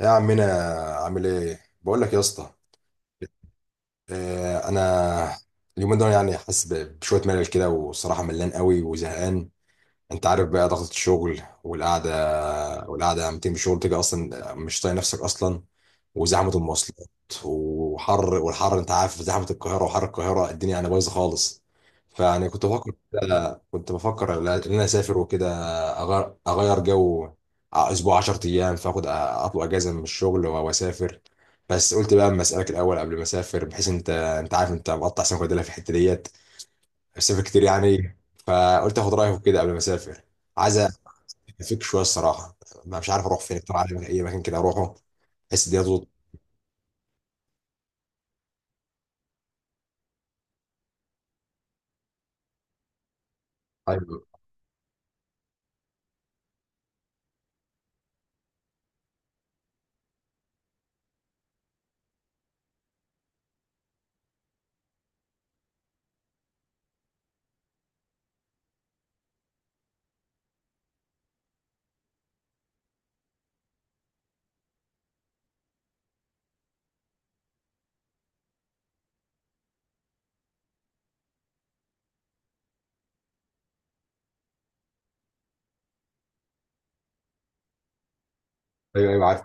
يا عمنا، عامل ايه؟ بقول لك يا اسطى. انا اليومين دول يعني حاسس بشويه ملل كده، والصراحه ملان قوي وزهقان. انت عارف بقى ضغط الشغل والقعده لما تيجي من الشغل تيجي اصلا مش طايق نفسك اصلا، وزحمه المواصلات وحر. والحر انت عارف زحمه القاهره وحر القاهره، الدنيا يعني بايظه خالص. فيعني كنت بفكر ان انا اسافر وكده، اغير جو، اسبوع 10 ايام. فاخد اطلع اجازه من الشغل واسافر. بس قلت بقى اما اسالك الاول قبل ما اسافر، بحيث انت عارف، انت مقطع سمك وديلها في الحته ديت، بسافر كتير يعني إيه؟ فقلت اخد رايك كده قبل ما اسافر. عايز افك شويه الصراحه. ما مش عارف اروح فين اكتر، عارف اي مكان كده اروحه بحس دي تظبط. ايوه ايوه ايوه، عارف.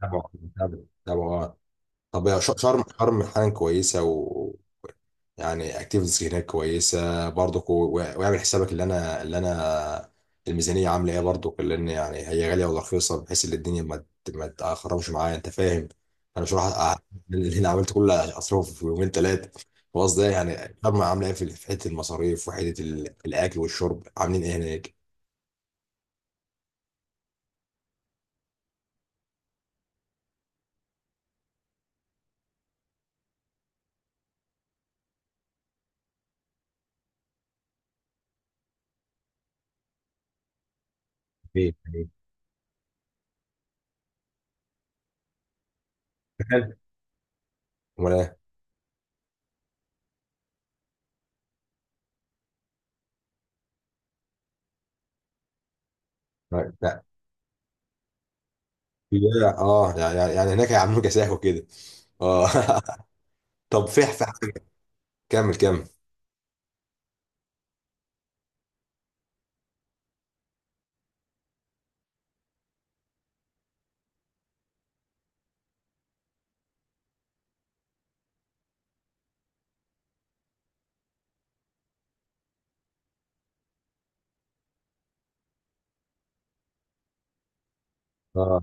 تابع تابع تابع آه. طب يا شرم حالا كويسه يعني؟ اكتيفيتيز هناك كويسه برضك؟ واعمل حسابك. اللي انا الميزانيه عامله ايه برضك؟ لان يعني هي غاليه ولا رخيصه؟ بحيث ان الدنيا ما تخربش معايا، انت فاهم. انا مش راح اللي انا عملت كل اصرفه في يومين ثلاثه خلاص. ده يعني الفرمة عامله ايه في حته المصاريف، وحته الاكل والشرب عاملين ايه هناك؟ ايه يعني؟ تخيل. امال ايه؟ لا لا. لا، اه يعني هناك هيعملوا كساح وكده. اه طب في حاجه، كمل كمل. اه،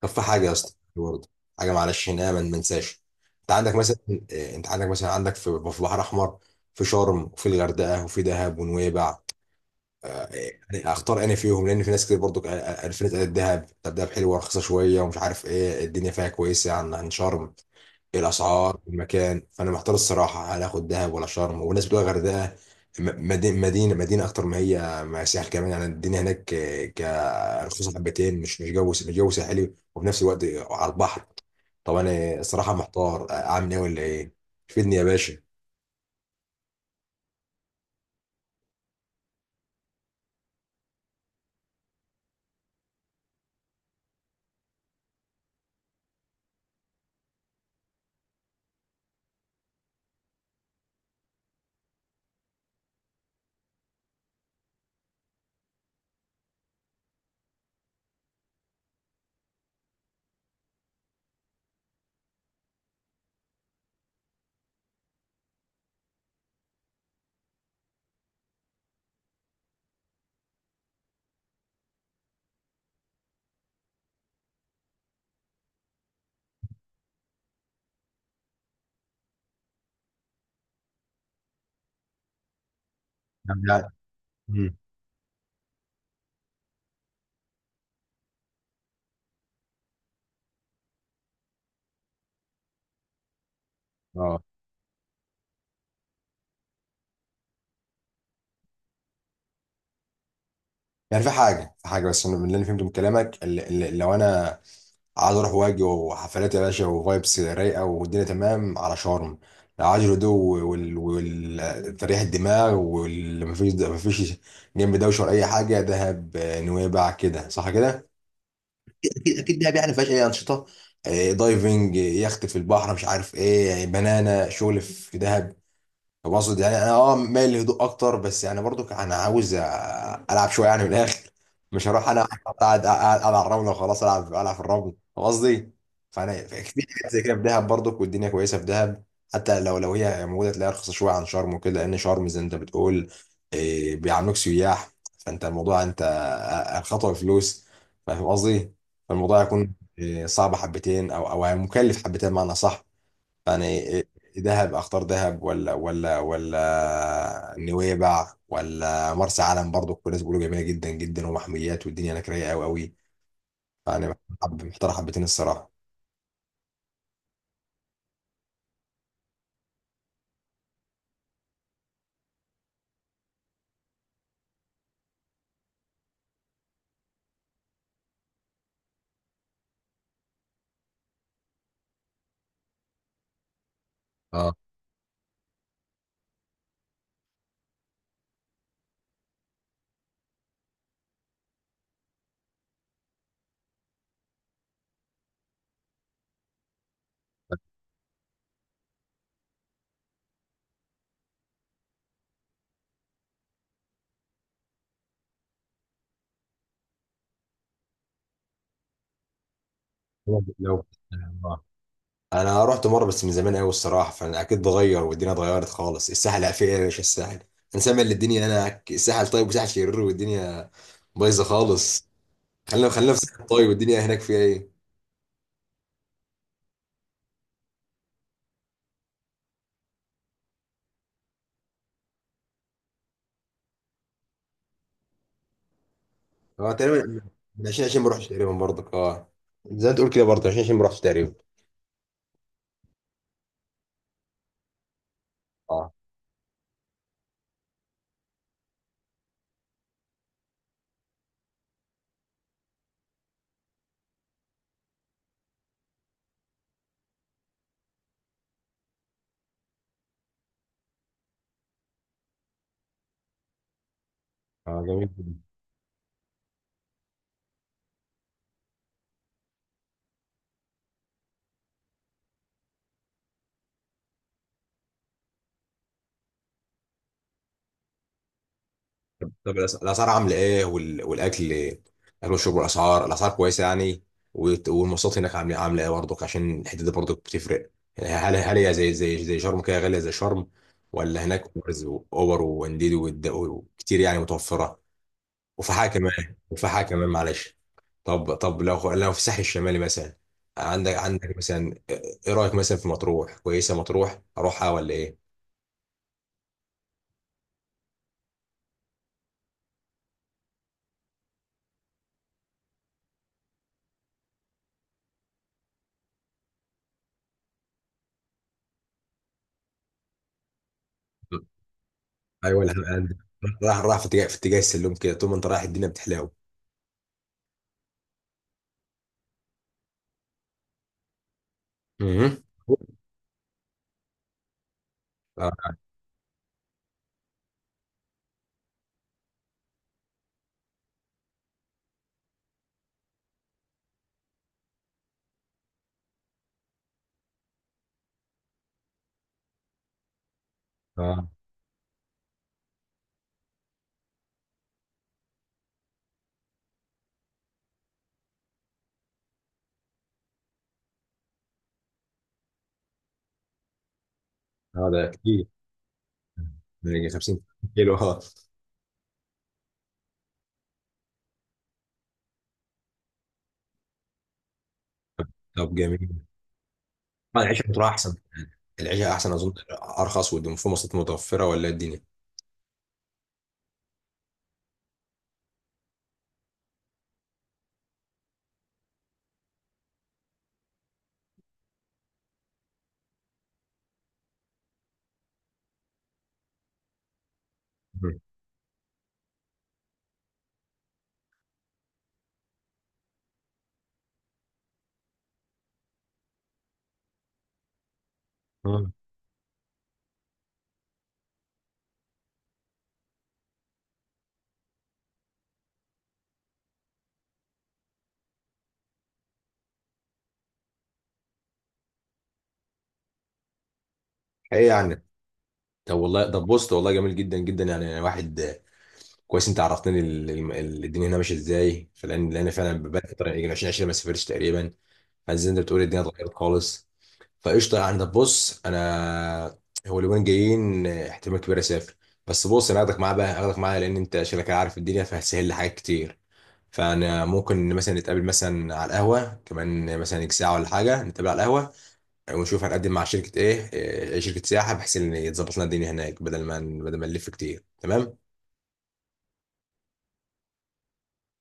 طب في حاجه يا اسطى برضه، حاجه معلش هنا ما ننساش. انت عندك مثلا، عندك في بحر احمر، في شرم وفي الغردقه وفي دهب ونويبع. آه، يعني اختار انا فيهم، لان في ناس كتير برضو قالت لي، قالت دهب. طب دهب حلوه ورخيصه شويه، ومش عارف ايه، الدنيا فيها كويسه عن شرم، الاسعار، المكان. فانا محتار الصراحه، هل اخد دهب ولا شرم؟ والناس بتقول الغردقه مدينه اكتر، ما هي ساحل كمان، يعني الدنيا هناك كرخيصه حبتين، مش جو ساحلي، وفي نفس الوقت على البحر. طب انا الصراحه محتار، اعمل ايه ولا ايه؟ فيدني يا باشا. مم. اه يعني، في حاجه بس، انا من اللي انا فهمته من كلامك، اللي لو انا عايز اروح واجي وحفلات يا باشا وفايبس رايقه والدنيا تمام، على شرم. لو عايز الهدوء وتريح الدماغ، واللي مفيش جنب دوشه ولا اي حاجه، دهب، نويبع، كده صح كده؟ اكيد اكيد دهب، يعني فيهاش اي انشطه، دايفنج، يخت في البحر، مش عارف ايه، بنانا، شغل في دهب. طب اقصد يعني انا مايل للهدوء اكتر، بس يعني برضو انا عاوز العب شويه يعني من الاخر. مش هروح انا قاعد قاعد على الرمله وخلاص، العب العب في الرمل، فاهم قصدي؟ فانا في حاجات زي كده في دهب برضك، والدنيا كويسه في دهب. حتى لو هي موجوده، تلاقيها رخيصه شويه عن شرم وكده، لان شرم زي ما انت بتقول، بيعاملوك سياح. فانت الموضوع، انت الخطوه بفلوس، فاهم قصدي؟ فالموضوع يكون صعب حبتين او مكلف حبتين، معنى صح يعني. دهب، اختار دهب ولا نويبع ولا مرسى علم؟ برضو كل الناس بيقولوا جميله جدا جدا ومحميات، والدنيا هناك رايقه قوي قوي يعني. حب محتار حبتين الصراحه. اه، لو انا رحت مره بس من زمان قوي الصراحه، فانا اكيد اتغير والدنيا اتغيرت خالص. الساحل فيها ايه يا باشا؟ الساحل، انا سامع ان الدنيا هناك الساحل طيب، وساحل شرير والدنيا بايظه خالص. خلينا خلينا في الساحل طيب، والدنيا هناك فيها ايه؟ اه تقريبا من 20 20 ما رحتش تقريبا برضك. اه، زي ما تقول كده برضه 20 20 ما رحتش تقريبا. اه، اه جميل جدا. طب الاسعار عامله ايه؟ والاكل، الاكل والشرب، والاسعار، الاسعار كويسه يعني؟ والمواصلات هناك عامله ايه برضك؟ عشان الحته دي برضك بتفرق يعني. هل هي زي شرم كده غاليه زي شرم؟ ولا هناك اوبرز واوبر وانديد وكتير يعني متوفره؟ وفحاء كمان معلش. طب لو في الساحل الشمالي مثلا، عندك مثلا، ايه رايك مثلا في مطروح؟ كويسه مطروح اروحها ولا ايه؟ ايوه، ولا راح في اتجاه السلوم كده؟ طول ما انت رايح الدنيا بتحلاوي؟ امم. اه. اه، ده كتير. ده يجي 50 كيلو، اه. طب جميل. العيشه في مطروح احسن، العيشه احسن اظن، ارخص وفي مواصلات متوفره ولا إيه الدنيا؟ مم. مم. ايه يعني؟ طب والله ده بوست والله جميل جدا جدا يعني، أنا واحد كويس انت عرفتني الدنيا هنا ماشيه ازاي، فلان لان فعلا بقالي فتره يجي 2020 ما سافرتش تقريبا. فزي انت بتقول الدنيا اتغيرت خالص. فقشطه يعني. ده بص انا، هو اليومين جايين احتمال كبير اسافر. بس بص، انا هاخدك معايا بقى، هاخدك معايا لان انت شكلك عارف الدنيا، فهتسهل لي حاجات كتير. فانا ممكن مثلا نتقابل، مثلا على القهوه كمان مثلا ساعه ولا حاجه، نتقابل على القهوه ونشوف، هنقدم مع شركة ايه إيه، شركة سياحة، بحيث ان يتظبط لنا الدنيا هناك، بدل ما نلف كتير. تمام.